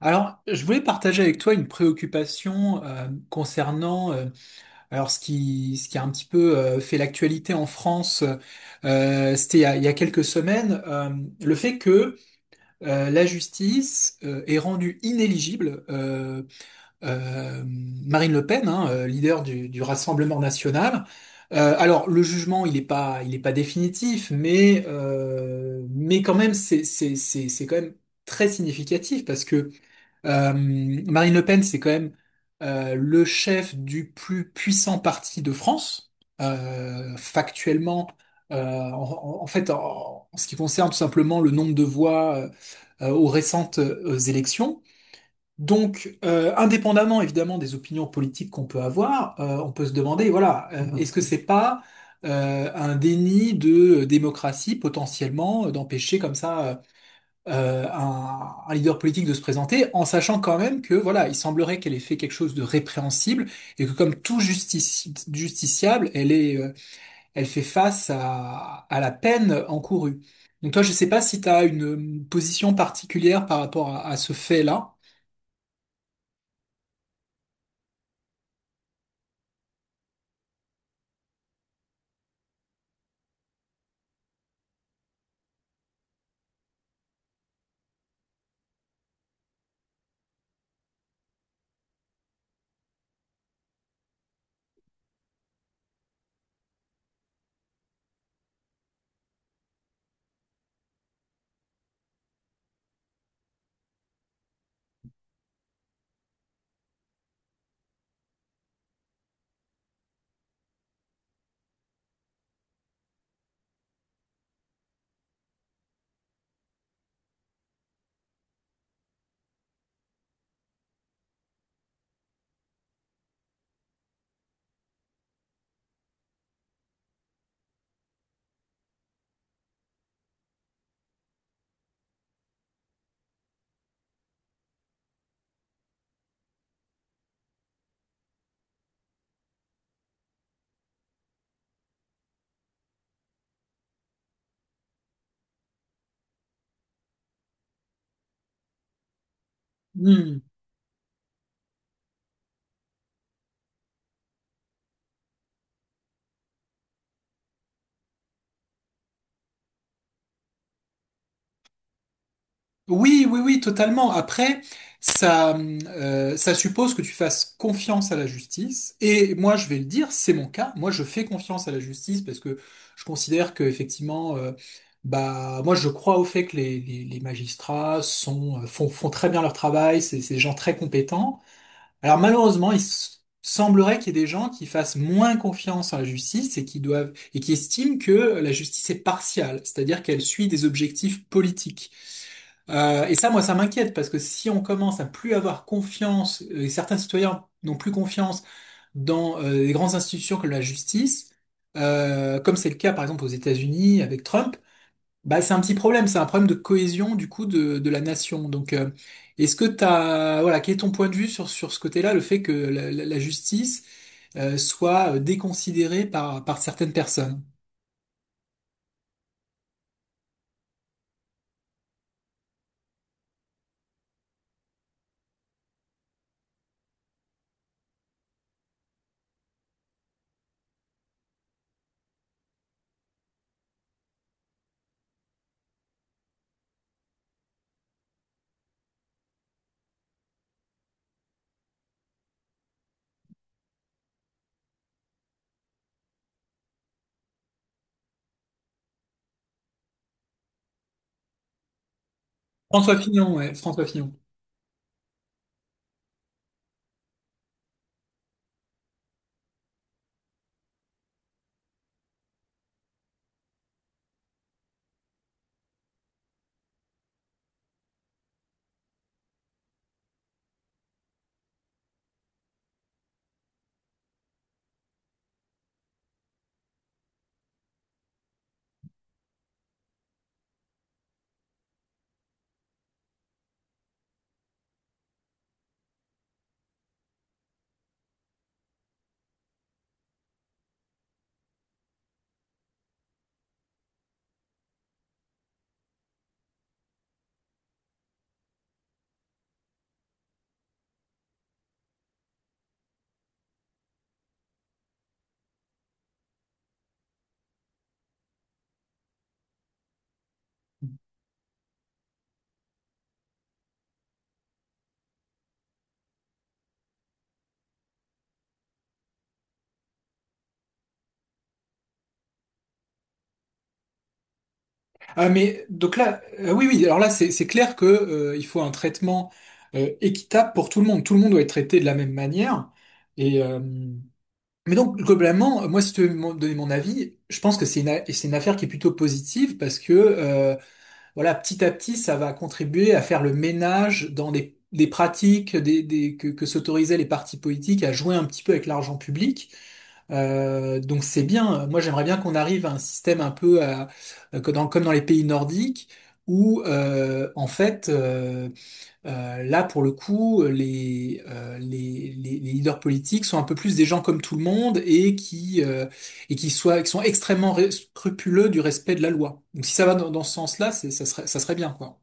Alors, je voulais partager avec toi une préoccupation concernant alors ce qui a un petit peu fait l'actualité en France. C'était il y a quelques semaines le fait que la justice ait rendu inéligible Marine Le Pen, hein, leader du Rassemblement national. Alors, le jugement, il est pas définitif, mais quand même c'est quand même très significatif parce que Marine Le Pen, c'est quand même le chef du plus puissant parti de France. Factuellement, en fait, en ce qui concerne tout simplement le nombre de voix aux récentes élections. Donc, indépendamment évidemment des opinions politiques qu'on peut avoir, on peut se demander, voilà, est-ce que c'est pas un déni de démocratie potentiellement d'empêcher comme ça un leader politique de se présenter, en sachant quand même que voilà, il semblerait qu'elle ait fait quelque chose de répréhensible et que comme tout justiciable, elle est, elle fait face à la peine encourue. Donc toi, je sais pas si tu as une position particulière par rapport à ce fait-là. Oui, oui, oui, totalement. Après, ça, ça suppose que tu fasses confiance à la justice. Et moi, je vais le dire, c'est mon cas. Moi, je fais confiance à la justice parce que je considère que effectivement, bah, moi, je crois au fait que les magistrats sont, font, font très bien leur travail. C'est des gens très compétents. Alors malheureusement, semblerait qu'il y ait des gens qui fassent moins confiance à la justice et qui doivent et qui estiment que la justice est partiale, c'est-à-dire qu'elle suit des objectifs politiques. Et ça, moi, ça m'inquiète parce que si on commence à plus avoir confiance, et certains citoyens n'ont plus confiance dans les grandes institutions comme la justice, comme c'est le cas par exemple aux États-Unis avec Trump, bah c'est un petit problème, c'est un problème de cohésion du coup de la nation. Donc, est-ce que t'as, voilà, quel est ton point de vue sur sur ce côté-là, le fait que la justice soit déconsidérée par par certaines personnes? François Fillon, ouais, François Fillon. Ah mais donc là, oui oui, alors là c'est clair que il faut un traitement équitable pour tout le monde. Tout le monde doit être traité de la même manière. Et mais donc globalement, moi si tu veux me donner mon avis, je pense que c'est c'est une affaire qui est plutôt positive parce que voilà petit à petit ça va contribuer à faire le ménage dans des pratiques que s'autorisaient les partis politiques à jouer un petit peu avec l'argent public. Donc c'est bien. Moi j'aimerais bien qu'on arrive à un système un peu que comme dans les pays nordiques où en fait là pour le coup les leaders politiques sont un peu plus des gens comme tout le monde et qui soient qui sont extrêmement scrupuleux du respect de la loi. Donc si ça va dans ce sens-là, ça serait bien quoi.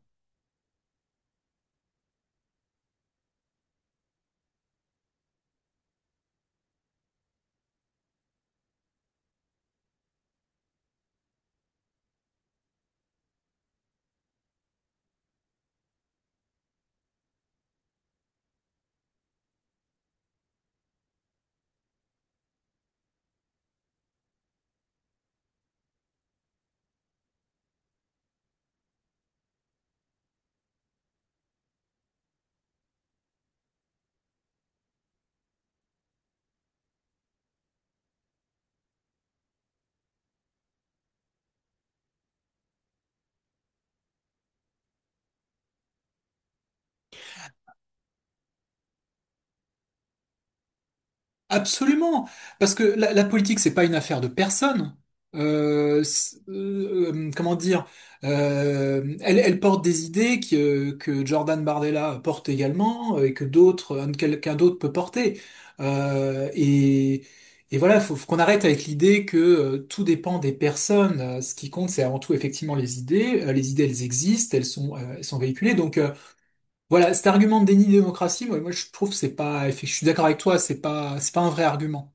Absolument, parce que la politique, c'est pas une affaire de personne. Comment dire, elle, elle porte des idées que Jordan Bardella porte également et que d'autres, quelqu'un d'autre peut porter. Euh, et, et voilà, faut qu'on arrête avec l'idée que tout dépend des personnes. Ce qui compte, c'est avant tout effectivement les idées. Les idées, elles existent, elles sont véhiculées. Donc voilà, cet argument de déni de démocratie, moi je trouve que c'est pas, effi- je suis d'accord avec toi, c'est pas un vrai argument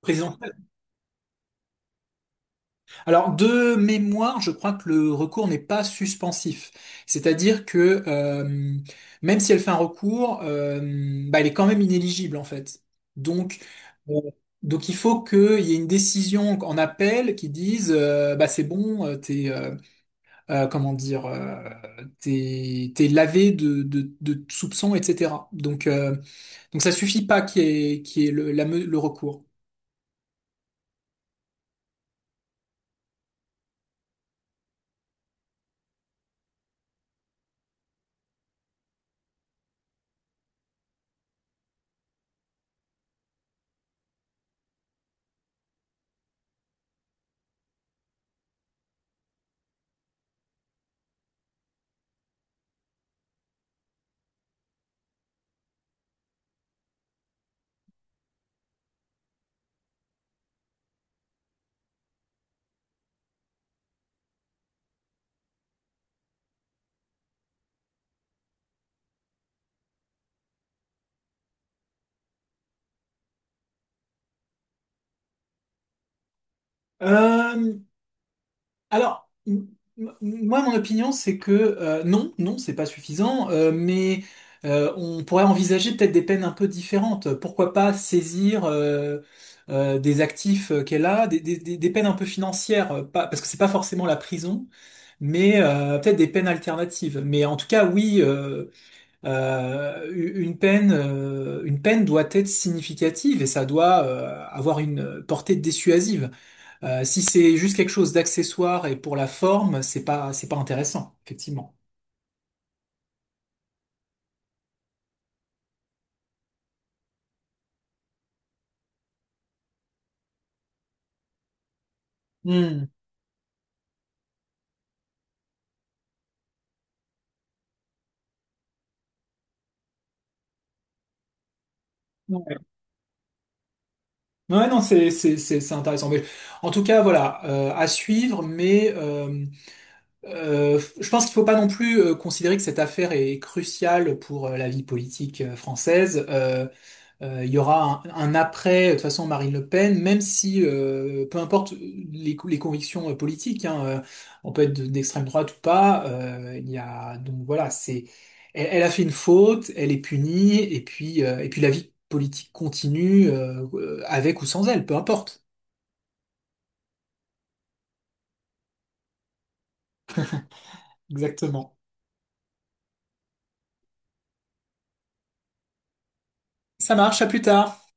présidentiel. Alors de mémoire, je crois que le recours n'est pas suspensif, c'est-à-dire que même si elle fait un recours, bah, elle est quand même inéligible en fait. Donc euh, donc il faut qu'il y ait une décision en appel qui dise bah c'est bon, t'es comment dire, t'es lavé de soupçons, etc. Donc donc ça suffit pas qu'il y ait, qu'il y ait le recours. Euh, alors, m- Moi, mon opinion, c'est que non, non, c'est pas suffisant, mais on pourrait envisager peut-être des peines un peu différentes. Pourquoi pas saisir des actifs qu'elle a, des peines un peu financières, pas, parce que c'est pas forcément la prison, mais peut-être des peines alternatives. Mais en tout cas, oui. Une peine, une peine doit être significative et ça doit avoir une portée dissuasive. Si c'est juste quelque chose d'accessoire et pour la forme, c'est pas intéressant, effectivement. Hmm. Ouais. Ouais, non, c'est intéressant. Mais en tout cas, voilà, à suivre, je pense qu'il faut pas non plus considérer que cette affaire est cruciale pour la vie politique française. Il y aura un après, de toute façon, Marine Le Pen, même si, peu importe les convictions politiques, hein, on peut être d'extrême droite ou pas, donc voilà, c'est, elle, elle a fait une faute, elle est punie, et puis la vie politique continue, avec ou sans elle, peu importe. Exactement. Ça marche, à plus tard.